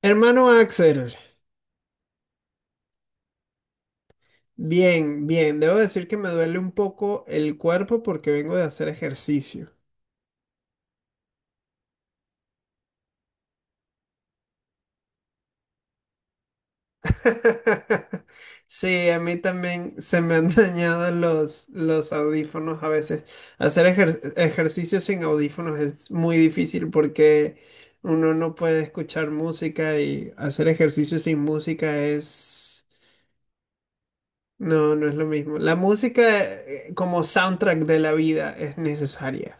Hermano Axel, bien, bien. Debo decir que me duele un poco el cuerpo porque vengo de hacer ejercicio. Sí, a mí también se me han dañado los audífonos a veces. Hacer ejercicio sin audífonos es muy difícil porque uno no puede escuchar música y hacer ejercicio sin música es... No, no es lo mismo. La música, como soundtrack de la vida es necesaria.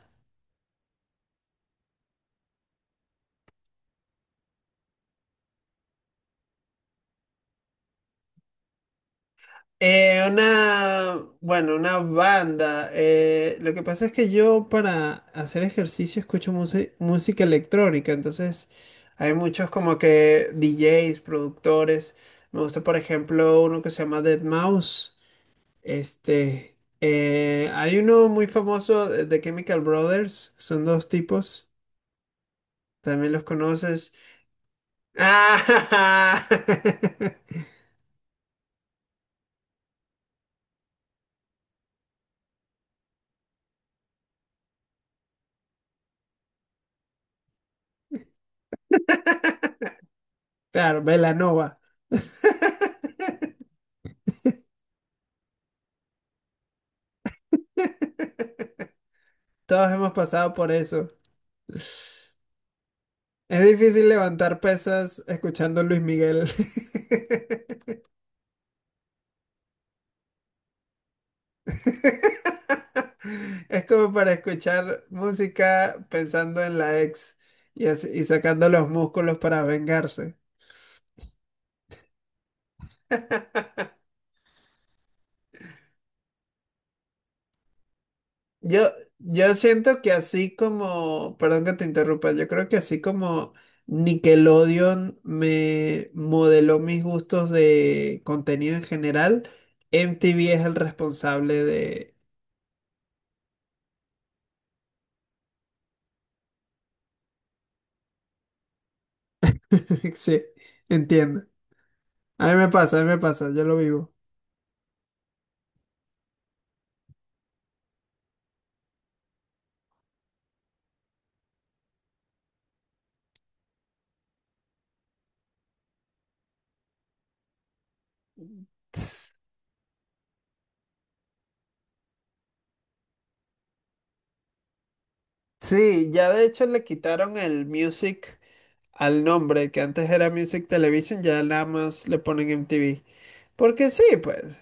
Una, bueno, una banda. Lo que pasa es que yo para hacer ejercicio escucho música electrónica, entonces hay muchos como que DJs, productores. Me gusta, por ejemplo, uno que se llama Dead Mouse. Este, hay uno muy famoso de Chemical Brothers, son dos tipos, también los conoces. Ah, claro, Belanova. Todos hemos pasado por eso. Es difícil levantar pesas escuchando Luis Miguel. Es como para escuchar música pensando en la ex y, y sacando los músculos para vengarse. Yo, yo siento que así como, perdón que te interrumpa, yo creo que así como Nickelodeon me modeló mis gustos de contenido en general, MTV es el responsable de... Sí, entiendo. A mí me pasa, a mí me pasa, yo lo vivo. Sí, ya de hecho le quitaron el Music al nombre, que antes era Music Television, ya nada más le ponen MTV. Porque sí, pues.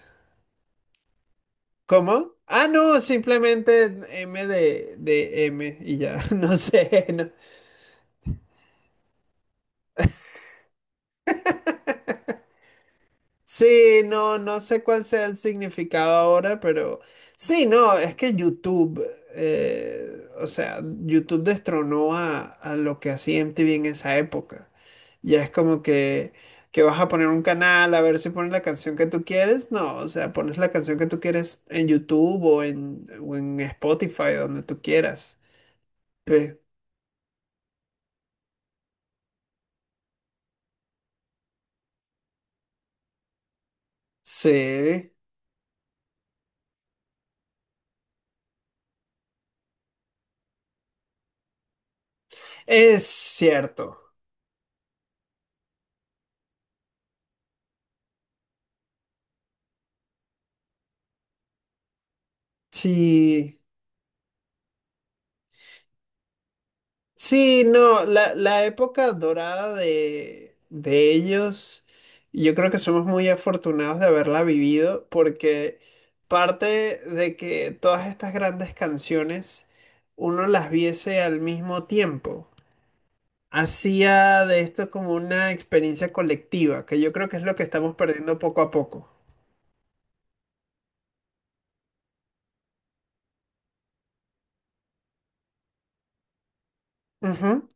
¿Cómo? Ah, no, simplemente M de M y ya, no sé, no, sí, no, no sé cuál sea el significado ahora, pero sí, no, es que YouTube, o sea, YouTube destronó a lo que hacía MTV en esa época. Ya es como que vas a poner un canal a ver si pones la canción que tú quieres. No, o sea, pones la canción que tú quieres en YouTube o en Spotify, donde tú quieras. Pe- Sí, es cierto. Sí. Sí, no, la época dorada de ellos, yo creo que somos muy afortunados de haberla vivido porque parte de que todas estas grandes canciones uno las viese al mismo tiempo, hacía de esto como una experiencia colectiva, que yo creo que es lo que estamos perdiendo poco a poco. Ujú.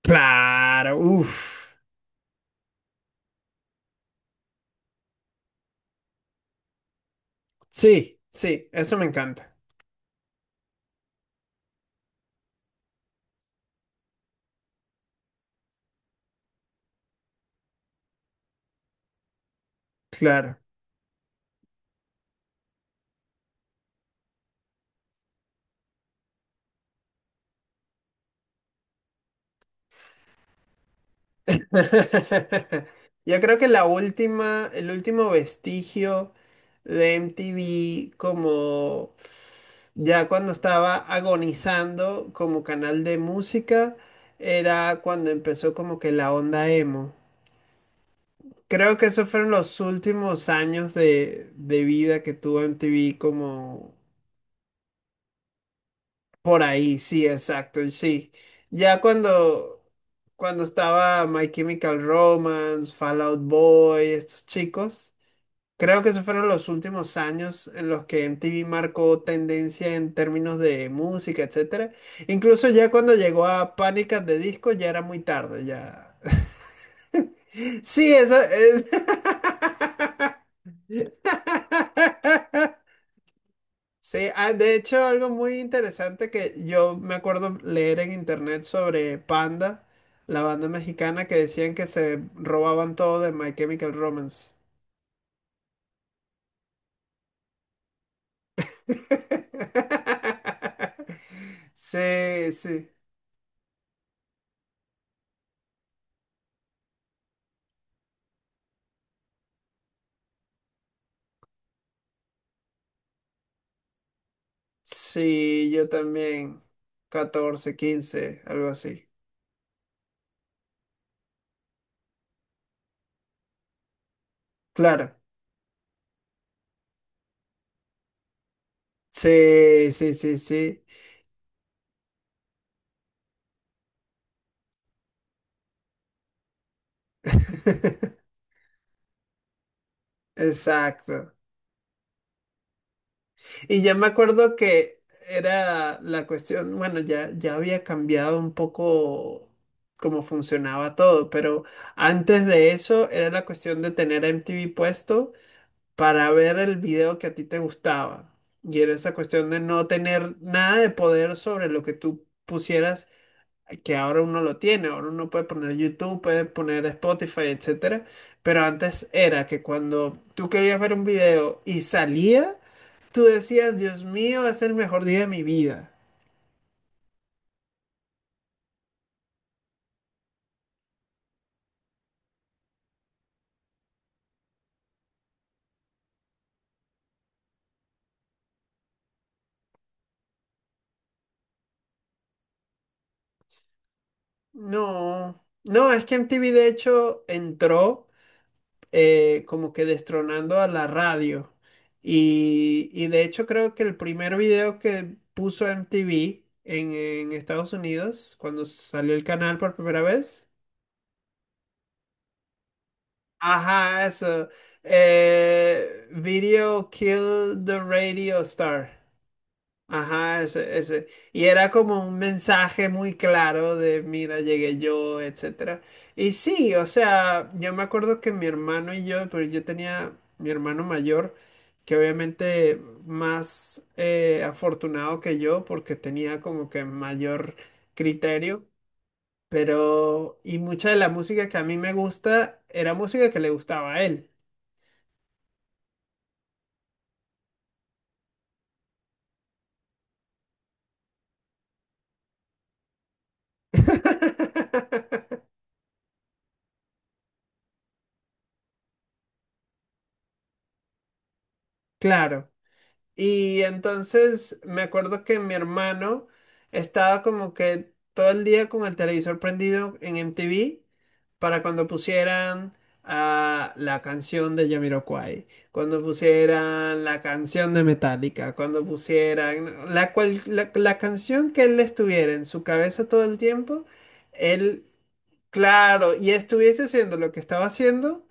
Claro, uff. Sí, sí, eso me encanta. Claro. Yo creo que la última, el último vestigio de MTV como ya cuando estaba agonizando como canal de música era cuando empezó como que la onda emo. Creo que esos fueron los últimos años de vida que tuvo MTV como, por ahí, sí, exacto, sí. Ya cuando, cuando estaba My Chemical Romance, Fall Out Boy, estos chicos, creo que esos fueron los últimos años en los que MTV marcó tendencia en términos de música, etcétera. Incluso ya cuando llegó a Panic! At the Disco ya era muy tarde, ya. Sí, eso, es. Sí, ah, de hecho, algo muy interesante que yo me acuerdo leer en internet sobre Panda, la banda mexicana que decían que se robaban todo de My Chemical Romance. Sí, sí. Sí, yo también. Catorce, 15, algo así. Claro. Sí, sí, sí, sí. Exacto. Y ya me acuerdo que era la cuestión, bueno, ya había cambiado un poco cómo funcionaba todo, pero antes de eso era la cuestión de tener MTV puesto para ver el video que a ti te gustaba. Y era esa cuestión de no tener nada de poder sobre lo que tú pusieras, que ahora uno lo tiene, ahora uno puede poner YouTube, puede poner Spotify, etcétera. Pero antes era que cuando tú querías ver un video y salía, tú decías, Dios mío, es el mejor día de mi vida. No, no, es que MTV de hecho entró como que destronando a la radio. Y de hecho creo que el primer video que puso MTV en Estados Unidos, cuando salió el canal por primera vez. Ajá, eso. Video Kill the Radio Star. Ajá, ese, ese. Y era como un mensaje muy claro de, mira, llegué yo, etcétera. Y sí, o sea, yo me acuerdo que mi hermano y yo, pero yo tenía mi hermano mayor, que obviamente más afortunado que yo, porque tenía como que mayor criterio, pero, y mucha de la música que a mí me gusta era música que le gustaba a él. Claro. Y entonces me acuerdo que mi hermano estaba como que todo el día con el televisor prendido en MTV para cuando pusieran la canción de Jamiroquai, cuando pusieran la canción de Metallica, cuando pusieran la canción que él estuviera en su cabeza todo el tiempo, él, claro, y estuviese haciendo lo que estaba haciendo,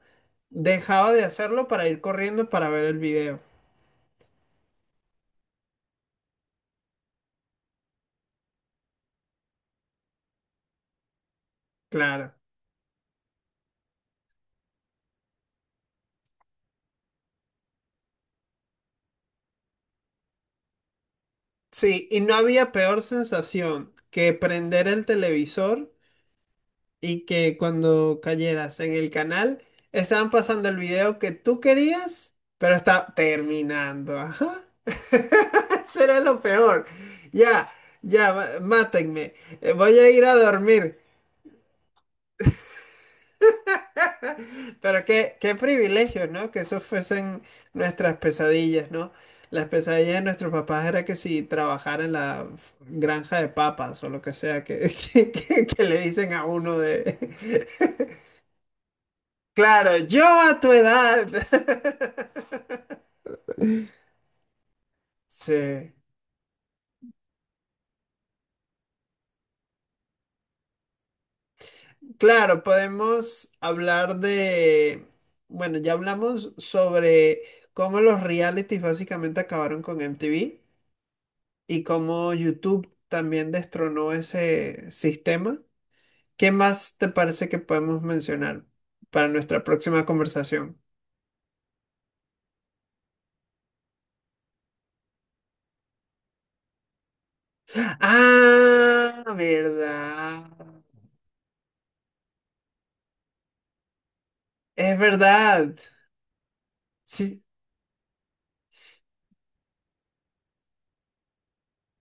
dejaba de hacerlo para ir corriendo para ver el video, claro. Sí, y no había peor sensación que prender el televisor y que cuando cayeras en el canal estaban pasando el video que tú querías, pero está terminando. Ajá. Será lo peor. Ya, mátenme. Voy a ir a dormir. Pero qué, qué privilegio, ¿no? Que eso fuesen nuestras pesadillas, ¿no? Las pesadillas de nuestros papás era que si trabajara en la granja de papas o lo que sea que, que, que le dicen a uno de... Claro, yo a tu edad. Sí. Claro, podemos hablar de... Bueno, ya hablamos sobre cómo los realities básicamente acabaron con MTV, y cómo YouTube también destronó ese sistema. ¿Qué más te parece que podemos mencionar para nuestra próxima conversación? Ah, verdad. Es verdad. Sí,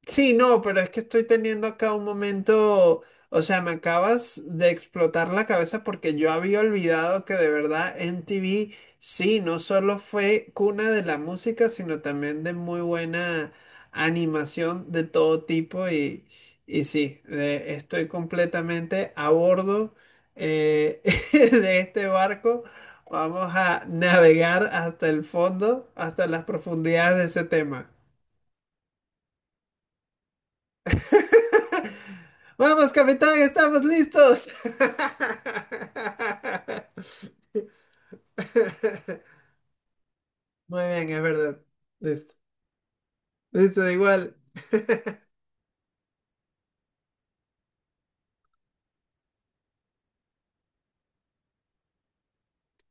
sí, no, pero es que estoy teniendo acá un momento, o sea, me acabas de explotar la cabeza porque yo había olvidado que de verdad MTV, sí, no solo fue cuna de la música, sino también de muy buena animación de todo tipo y sí, estoy completamente a bordo eh, de este barco. Vamos a navegar hasta el fondo, hasta las profundidades de ese tema. Vamos, capitán, estamos listos. Muy bien, es verdad. Listo. Listo, da igual.